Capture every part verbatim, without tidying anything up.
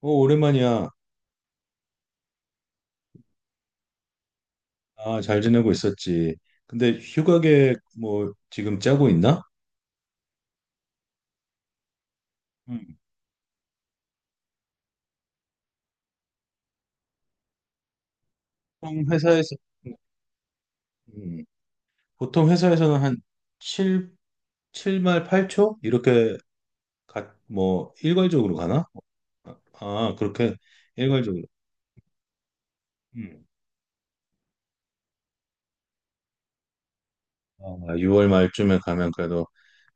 어, 오랜만이야. 아, 잘 지내고 있었지. 근데 휴가 계획 뭐 지금 짜고 있나? 음. 보통 회사에서 음, 보통 회사에서는 한 칠, 칠말 팔 초 이렇게 가, 뭐 일괄적으로 가나? 아, 아, 그렇게 일괄적으로. 음. 아, 유월 말쯤에 가면 그래도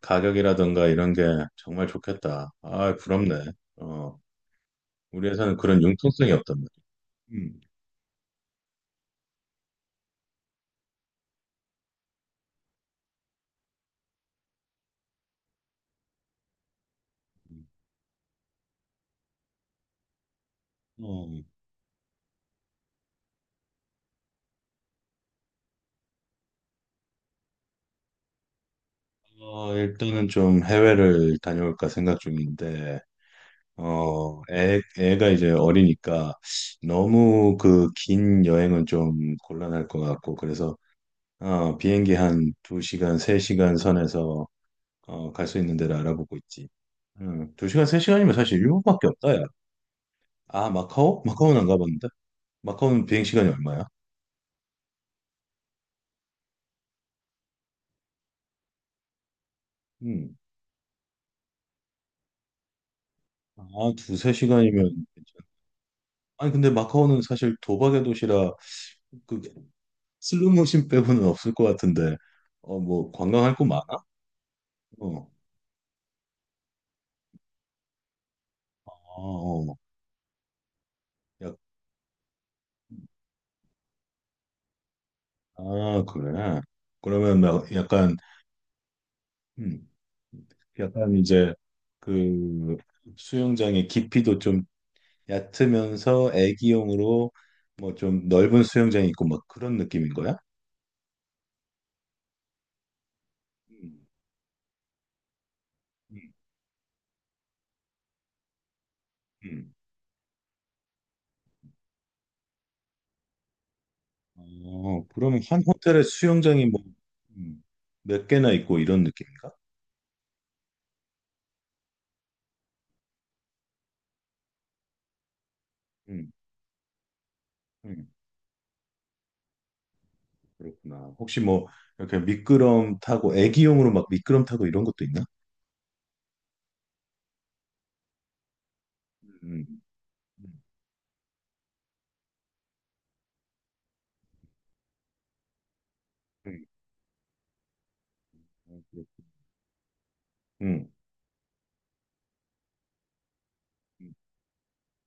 가격이라든가 이런 게 정말 좋겠다. 아, 부럽네. 어, 우리 회사는 그런 융통성이 없단 말이야. 음. 어. 어, 일단은 좀 해외를 다녀올까 생각 중인데, 어, 애, 애가 이제 어리니까 너무 그 긴 여행은 좀 곤란할 것 같고, 그래서 어, 비행기 한 두 시간, 세 시간 선에서 어, 갈 수 있는 데를 알아보고 있지. 음, 두 시간, 세 시간이면 사실 일본밖에 없다, 야. 아, 마카오? 마카오는 안 가봤는데? 마카오는 비행시간이 얼마야? 음. 아, 두세 시간이면 괜찮아. 아니, 근데 마카오는 사실 도박의 도시라 그 슬로모션 빼고는 없을 것 같은데, 어, 뭐, 관광할 곳 많아? 어, 아, 어, 약, 아, 그래. 그러면 막 약간, 음, 약간 이제 그 수영장의 깊이도 좀 얕으면서 애기용으로 뭐 좀 넓은 수영장이 있고 막 그런 느낌인 거야? 음, 음, 음. 어, 그러면 한 호텔에 수영장이 뭐, 음, 몇 개나 있고 이런 느낌인가? 음, 음. 그렇구나. 혹시 뭐 이렇게 미끄럼 타고 애기용으로 막 미끄럼 타고 이런 것도 있나? 음, 음, 음,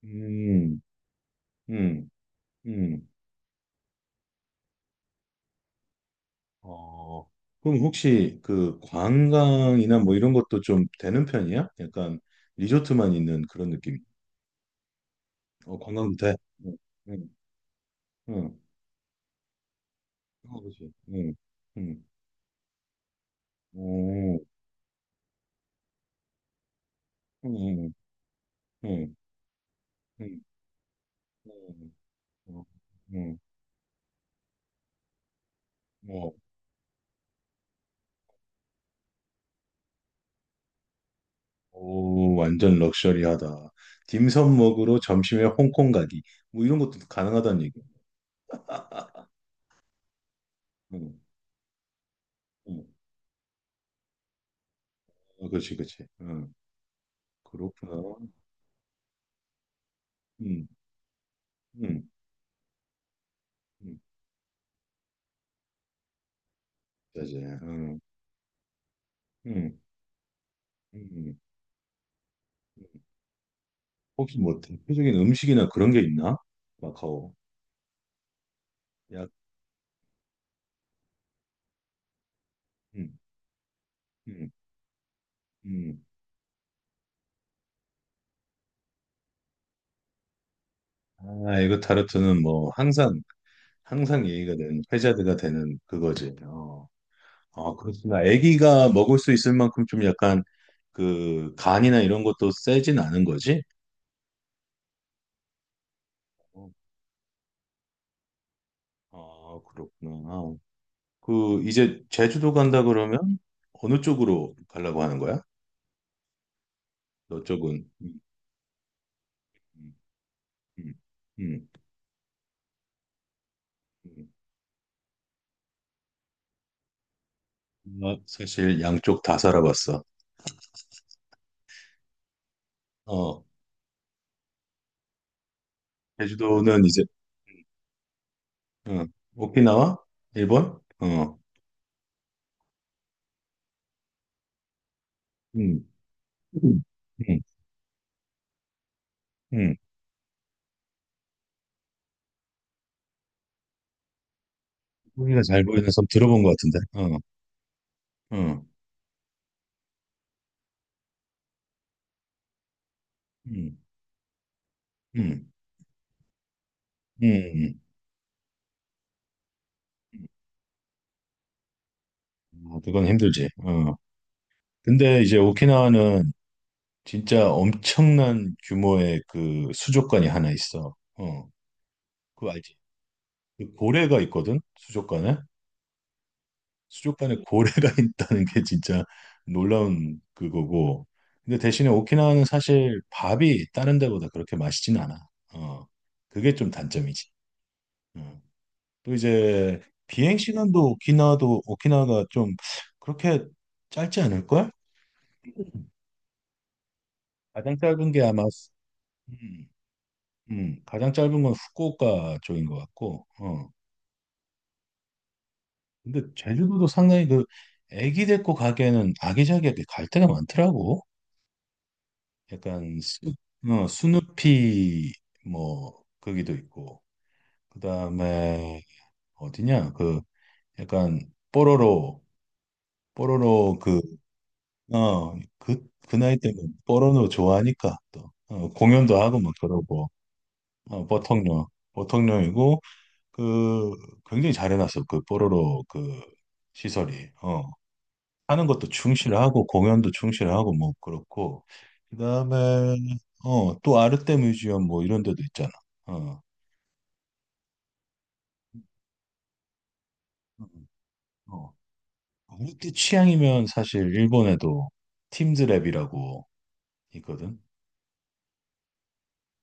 음, 음, 음. 어, 그럼 혹시 그 관광이나 뭐 이런 것도 좀 되는 편이야? 약간 리조트만 있는 그런 느낌. 어, 관광 도 돼? 응, 응, 응. 어, 그렇지. 응, 응. 오, 응, 응, 응, 응, 응, 응. 오, 완전 럭셔리하다. 딤섬 먹으러 점심에 홍콩 가기. 뭐 이런 것도 가능하다는 얘기야. 응, 응. 어, 그렇지, 그렇지. 응, 그렇구나. 응, 응, 응. 자제. 응, 응, 응. 응. 혹시 뭐 대표적인 음식이나 그런 게 있나? 마카오. 약, 응, 응, 응. 아, 이거 타르트는 뭐 항상 항상 얘기가 되는 회자드가 되는 그거지. 어, 아, 그렇구나. 아기가 먹을 수 있을 만큼 좀 약간 그 간이나 이런 것도 세진 않은 거지? 아, 그렇구나. 그 이제 제주도 간다 그러면 어느 쪽으로 가려고 하는 거야? 너 쪽은? 음, 음, 음, 음. 나 사실 양쪽 다 살아봤어. 어, 제주도는 이제 어, 오키나와 일본? 어, 음, 음, 음, 음. 고기가 잘 보이는 섬 들어본 것 같은데. 어, 어, 음, 음, 음. 음. 어, 그건 힘들지. 어. 근데 이제 오키나와는 진짜 엄청난 규모의 그 수족관이 하나 있어. 어, 그거 알지? 그 고래가 있거든, 수족관에. 수족관에 고래가 있다는 게 진짜 놀라운 그거고. 근데 대신에 오키나와는 사실 밥이 다른 데보다 그렇게 맛있진 않아. 어, 그게 좀 단점이지. 어. 또 이제 비행 시간도 오키나와도 오키나와가 좀 그렇게 짧지 않을걸? 가장 짧은 게 아마 음, 음, 가장 짧은 건 후쿠오카 쪽인 것 같고, 어. 근데 제주도도 상당히 그 애기 데리고 가기에는 아기자기하게 갈 데가 많더라고. 약간 수, 어, 스누피 뭐 거기도 있고 그다음에 어디냐 그 약간 뽀로로 뽀로로 그어그 그 그 나이 때는 뽀로로 좋아하니까 또 어, 공연도 하고 막 그러고 어, 보통령 보통령이고 그 굉장히 잘해놨어 그 뽀로로 그 시설이 어. 하는 것도 충실하고 공연도 충실하고 뭐 그렇고 그다음에 어 또 아르테 뮤지엄 뭐 이런 데도 있잖아. 어. 음, 어. 아르테 취향이면 사실 일본에도 팀즈랩이라고 있거든.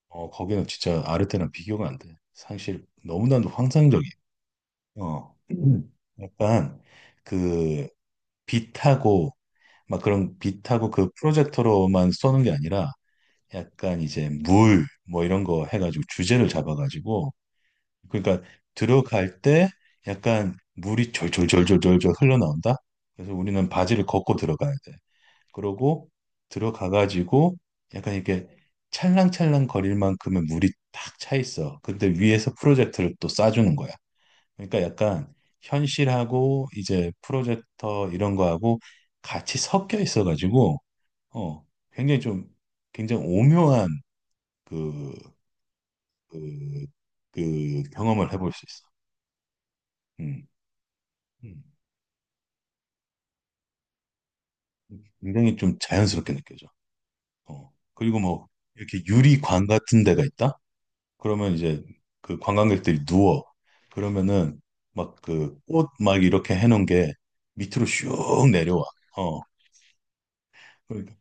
어 거기는 진짜 아르테랑 비교가 안 돼. 사실 너무나도 환상적이야. 어. 음. 약간 그 빛하고 막 그런 빛하고 그 프로젝터로만 쏘는 게 아니라 약간 이제 물 뭐 이런 거 해가지고 주제를 잡아가지고 그러니까 들어갈 때 약간 물이 졸졸졸졸졸 흘러나온다. 그래서 우리는 바지를 걷고 들어가야 돼. 그러고 들어가 가지고 약간 이렇게 찰랑찰랑 거릴 만큼의 물이 딱 차 있어. 근데 위에서 프로젝터를 또 쏴주는 거야. 그러니까 약간 현실하고 이제 프로젝터 이런 거하고 같이 섞여 있어 가지고 어 굉장히 좀 굉장히 오묘한 그, 그, 그 경험을 해볼 수 있어. 음. 음. 굉장히 좀 자연스럽게 느껴져. 어. 그리고 뭐 이렇게 유리관 같은 데가 있다? 그러면 이제 그 관광객들이 누워. 그러면은 막 그 꽃 막 이렇게 해놓은 게 밑으로 슉 내려와. 어. 그러니까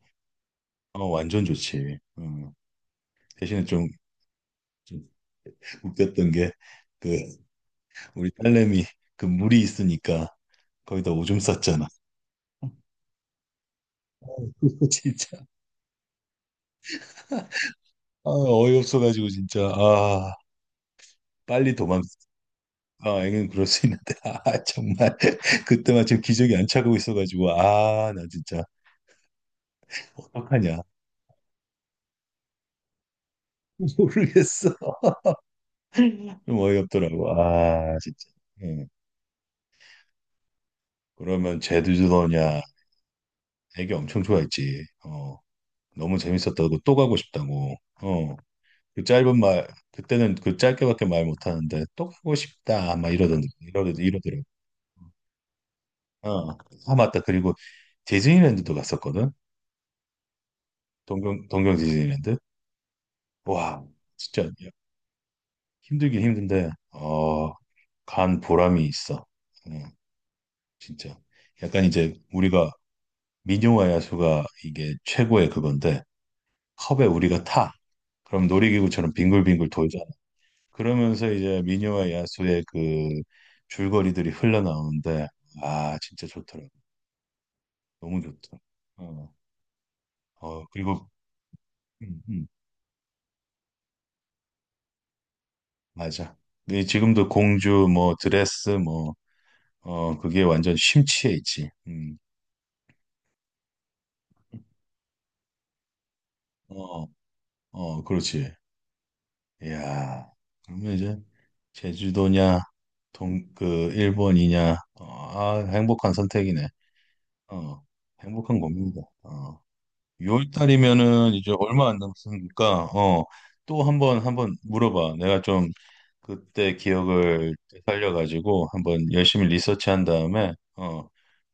어, 완전 좋지. 음. 대신에 좀, 좀 웃겼던 게 그 우리 딸내미 그 물이 있으니까 거기다 오줌 쌌잖아. 진짜. 아, 어이없어가지고 진짜. 아, 빨리 도망. 아, 애는 그럴 수 있는데, 아, 정말, 그때만 지금 기적이 안 차고 있어가지고, 아, 나 진짜, 어떡하냐. 모르겠어. 좀 어이없더라고. 아, 진짜. 예. 그러면 제주도냐. 애기 엄청 좋아했지. 어, 너무 재밌었다고, 또 가고 싶다고. 어, 그 짧은 말, 그때는 그 짧게밖에 말 못하는데, 또 가고 싶다. 막 이러던, 이러, 이러더라고. 어, 아, 맞다. 그리고 디즈니랜드도 갔었거든. 동경, 동경 디즈니랜드. 와, 진짜. 힘들긴 힘든데 어, 간 보람이 있어. 응, 진짜. 약간 이제 우리가 민요와 야수가 이게 최고의 그건데 컵에 우리가 타. 그럼 놀이기구처럼 빙글빙글 돌잖아. 그러면서 이제 민요와 야수의 그 줄거리들이 흘러나오는데 아 진짜 좋더라고. 너무 좋더라. 어, 어 그리고 음, 음, 맞아. 근데 지금도 공주 뭐 드레스 뭐 어 그게 완전 심취해 있지. 음. 어, 어, 그렇지. 이야, 그러면 이제 제주도냐, 동, 그, 일본이냐, 어, 아, 행복한 선택이네. 어, 행복한 겁니다. 어, 유월달이면은 이제 얼마 안 남았으니까, 어, 또 한 번, 한번 물어봐. 내가 좀 그때 기억을 살려가지고 한번 열심히 리서치한 다음에, 어,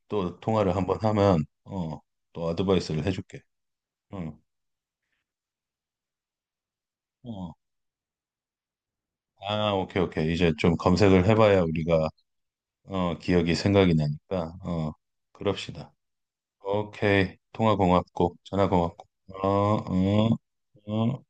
또 통화를 한번 하면, 어, 또 어드바이스를 해줄게. 응. 어, 아, 오케이, 오케이. 이제 좀 검색을 해봐야 우리가 어, 기억이 생각이 나니까, 어, 그럽시다. 오케이. 통화 고맙고, 전화 고맙고. 어, 어, 어.